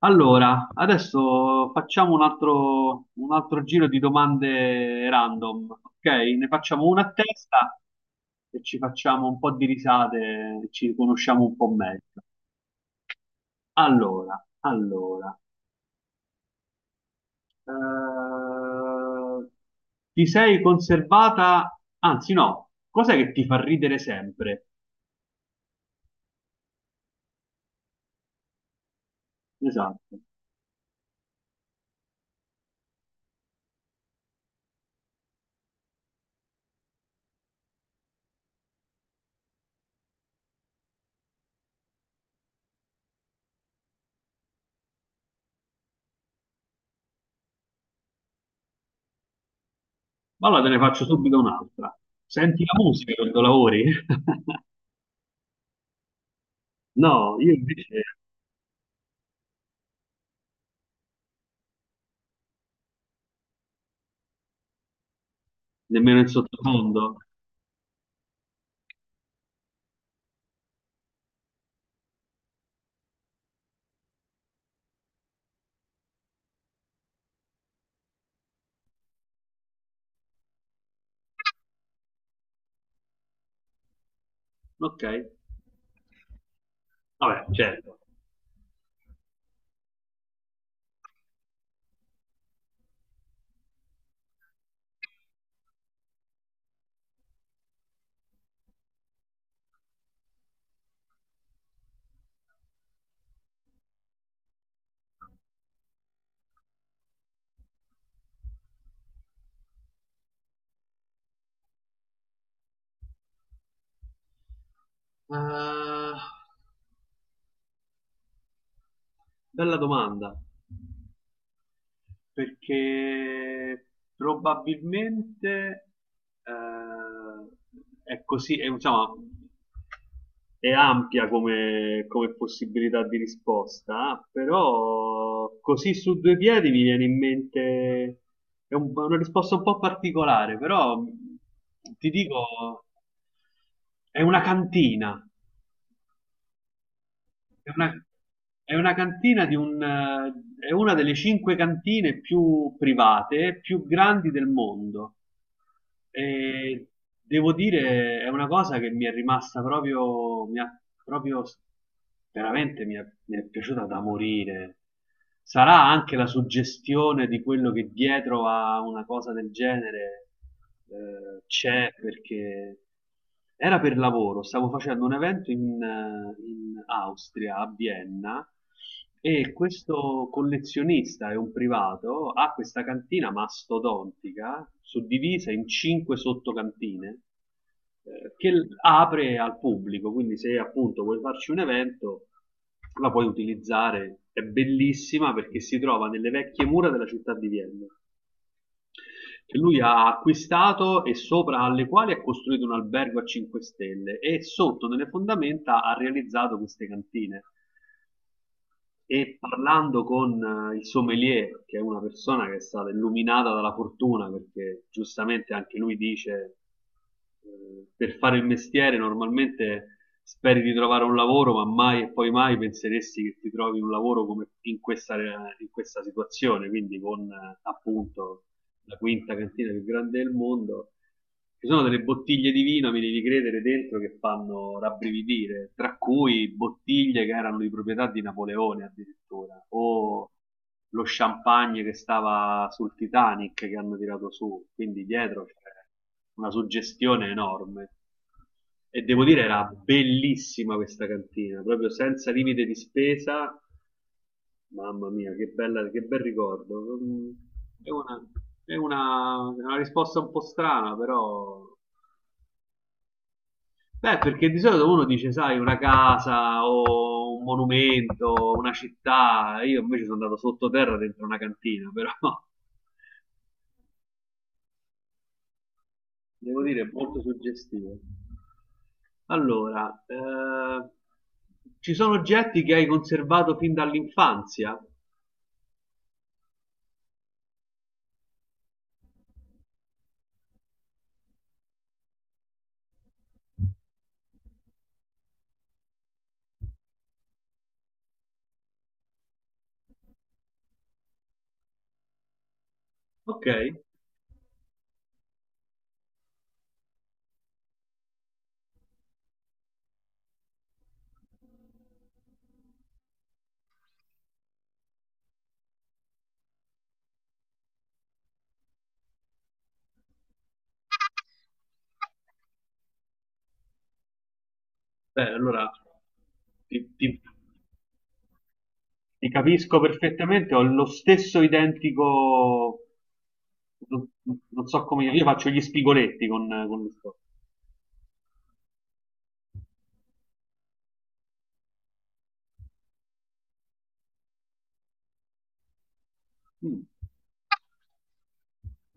Allora, adesso facciamo un altro giro di domande random, ok? Ne facciamo una a testa e ci facciamo un po' di risate, ci conosciamo un po' meglio. Allora, eh, ti sei conservata, anzi no, cos'è che ti fa ridere sempre? Esatto. Ma allora te ne faccio subito un'altra. Senti la musica quando lavori? No, io invece nemmeno in sottofondo. Ok, vabbè, certo. Eh, Bella domanda, perché probabilmente è così, è, diciamo, è ampia come, come possibilità di risposta, però così su due piedi mi viene in mente, una risposta un po' particolare, però ti dico, è una cantina. È una, è una cantina di un, è una delle cinque cantine più private, più grandi del mondo. E devo dire, è una cosa che mi è rimasta proprio, mi ha- proprio s- veramente mi è piaciuta da morire. Sarà anche la suggestione di quello che dietro a una cosa del genere c'è, perché era per lavoro, stavo facendo un evento in, in Austria, a Vienna, e questo collezionista è un privato, ha questa cantina mastodontica, suddivisa in cinque sottocantine, che apre al pubblico, quindi se appunto vuoi farci un evento, la puoi utilizzare, è bellissima perché si trova nelle vecchie mura della città di Vienna che lui ha acquistato e sopra alle quali ha costruito un albergo a 5 stelle e sotto nelle fondamenta ha realizzato queste cantine. E parlando con il sommelier, che è una persona che è stata illuminata dalla fortuna, perché giustamente anche lui dice, per fare il mestiere normalmente speri di trovare un lavoro, ma mai e poi mai penseresti che ti trovi un lavoro come in questa situazione, quindi con appunto la quinta cantina più grande del mondo. Ci sono delle bottiglie di vino, mi devi credere, dentro che fanno rabbrividire, tra cui bottiglie che erano di proprietà di Napoleone addirittura, o lo champagne che stava sul Titanic che hanno tirato su, quindi dietro c'è una suggestione enorme. E devo dire, era bellissima questa cantina, proprio senza limite di spesa. Mamma mia, che bella, che bel ricordo. È una, è una risposta un po' strana, però. Beh, perché di solito uno dice, sai, una casa o un monumento, una città. Io invece sono andato sottoterra dentro una cantina, però devo dire è molto suggestivo. Allora, ci sono oggetti che hai conservato fin dall'infanzia? Ok, beh, allora ti, ti- ti capisco perfettamente, ho lo stesso identico, non, non so come, io faccio gli spigoletti con lo sport. Mm,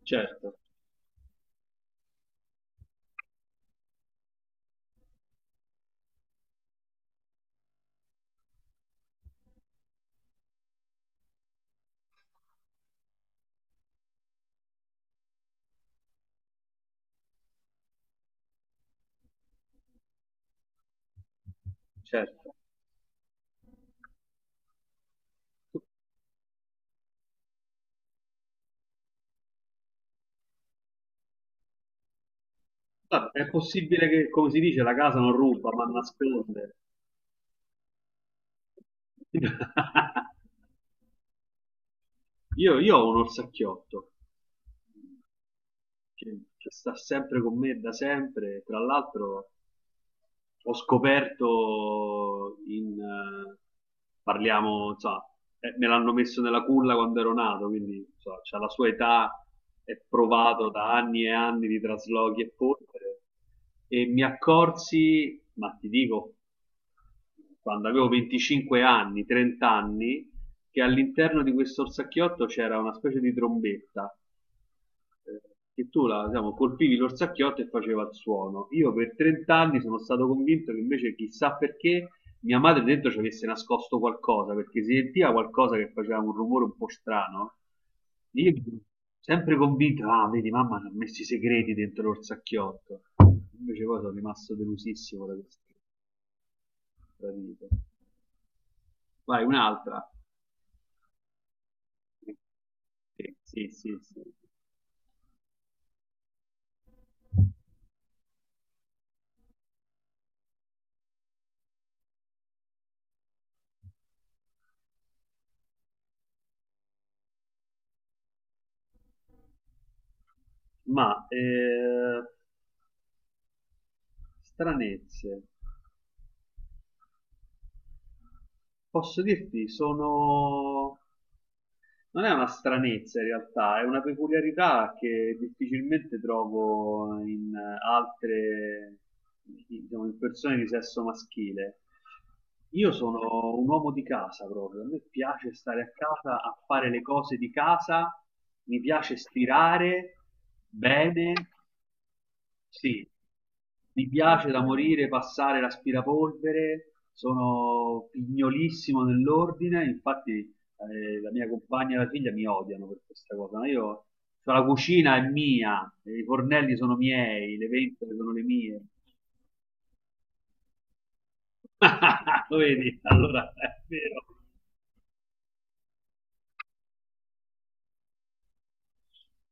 certo, certo. Ah, è possibile che, come si dice, la casa non ruba, ma nasconde. Io ho un orsacchiotto che sta sempre con me da sempre, tra l'altro ho scoperto in... parliamo, insomma, me l'hanno messo nella culla quando ero nato, quindi insomma, c'ha la sua età, è provato da anni e anni di traslochi e polvere, e mi accorsi, ma ti dico, quando avevo 25 anni, 30 anni, che all'interno di questo orsacchiotto c'era una specie di trombetta eh, che tu diciamo, colpivi l'orsacchiotto e faceva il suono. Io per 30 anni sono stato convinto che invece chissà perché mia madre dentro ci avesse nascosto qualcosa, perché si sentiva qualcosa che faceva un rumore un po' strano. Io mi sono sempre convinto, ah, vedi, mamma ci ha messo i segreti dentro l'orsacchiotto. Invece poi sono rimasto delusissimo da questo tradito. Vai, un'altra. Sì, sì, sì, sì. Ma eh, stranezze. Posso dirti, sono... non è una stranezza in realtà, è una peculiarità che difficilmente trovo in altre, diciamo, in persone di sesso maschile. Io sono un uomo di casa proprio, a me piace stare a casa a fare le cose di casa, mi piace stirare bene, sì, mi piace da morire passare l'aspirapolvere, sono pignolissimo nell'ordine, infatti la mia compagna e la figlia mi odiano per questa cosa, ma io, cioè, la cucina è mia, i fornelli sono miei, le ventole sono le mie. Lo vedi? Allora è vero.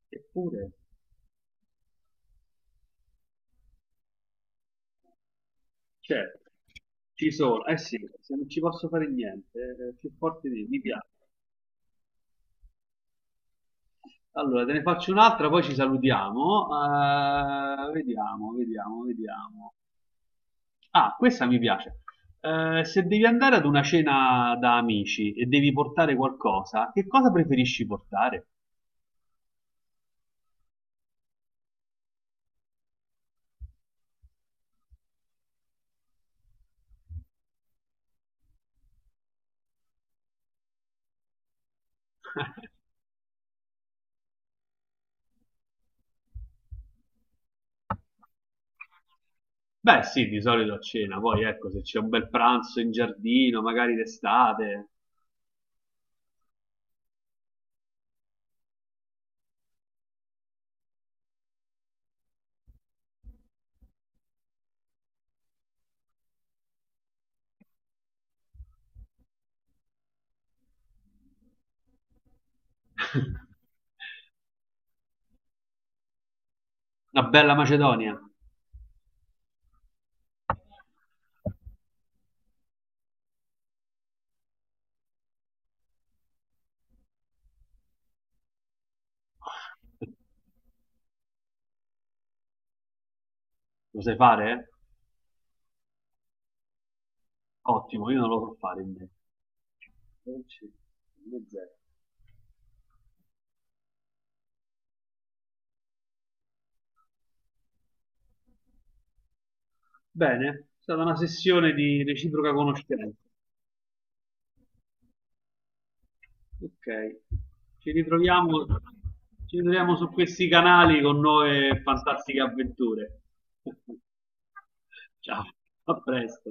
Eppure, certo, ci sono, eh sì, se non ci posso fare niente, più forte di mi piace. Allora, te ne faccio un'altra, poi ci salutiamo. Vediamo, vediamo, vediamo. Ah, questa mi piace. Se devi andare ad una cena da amici e devi portare qualcosa, che cosa preferisci portare? Beh, sì, di solito a cena, poi ecco, se c'è un bel pranzo in giardino, magari d'estate, una bella macedonia. Lo sai fare? Ottimo, io non lo so fare invece. Non ci- non è zero. Bene, è stata una sessione di reciproca conoscenza. Ok, ci ritroviamo, ci ritroviamo su questi canali con nuove fantastiche avventure. Ciao, a presto.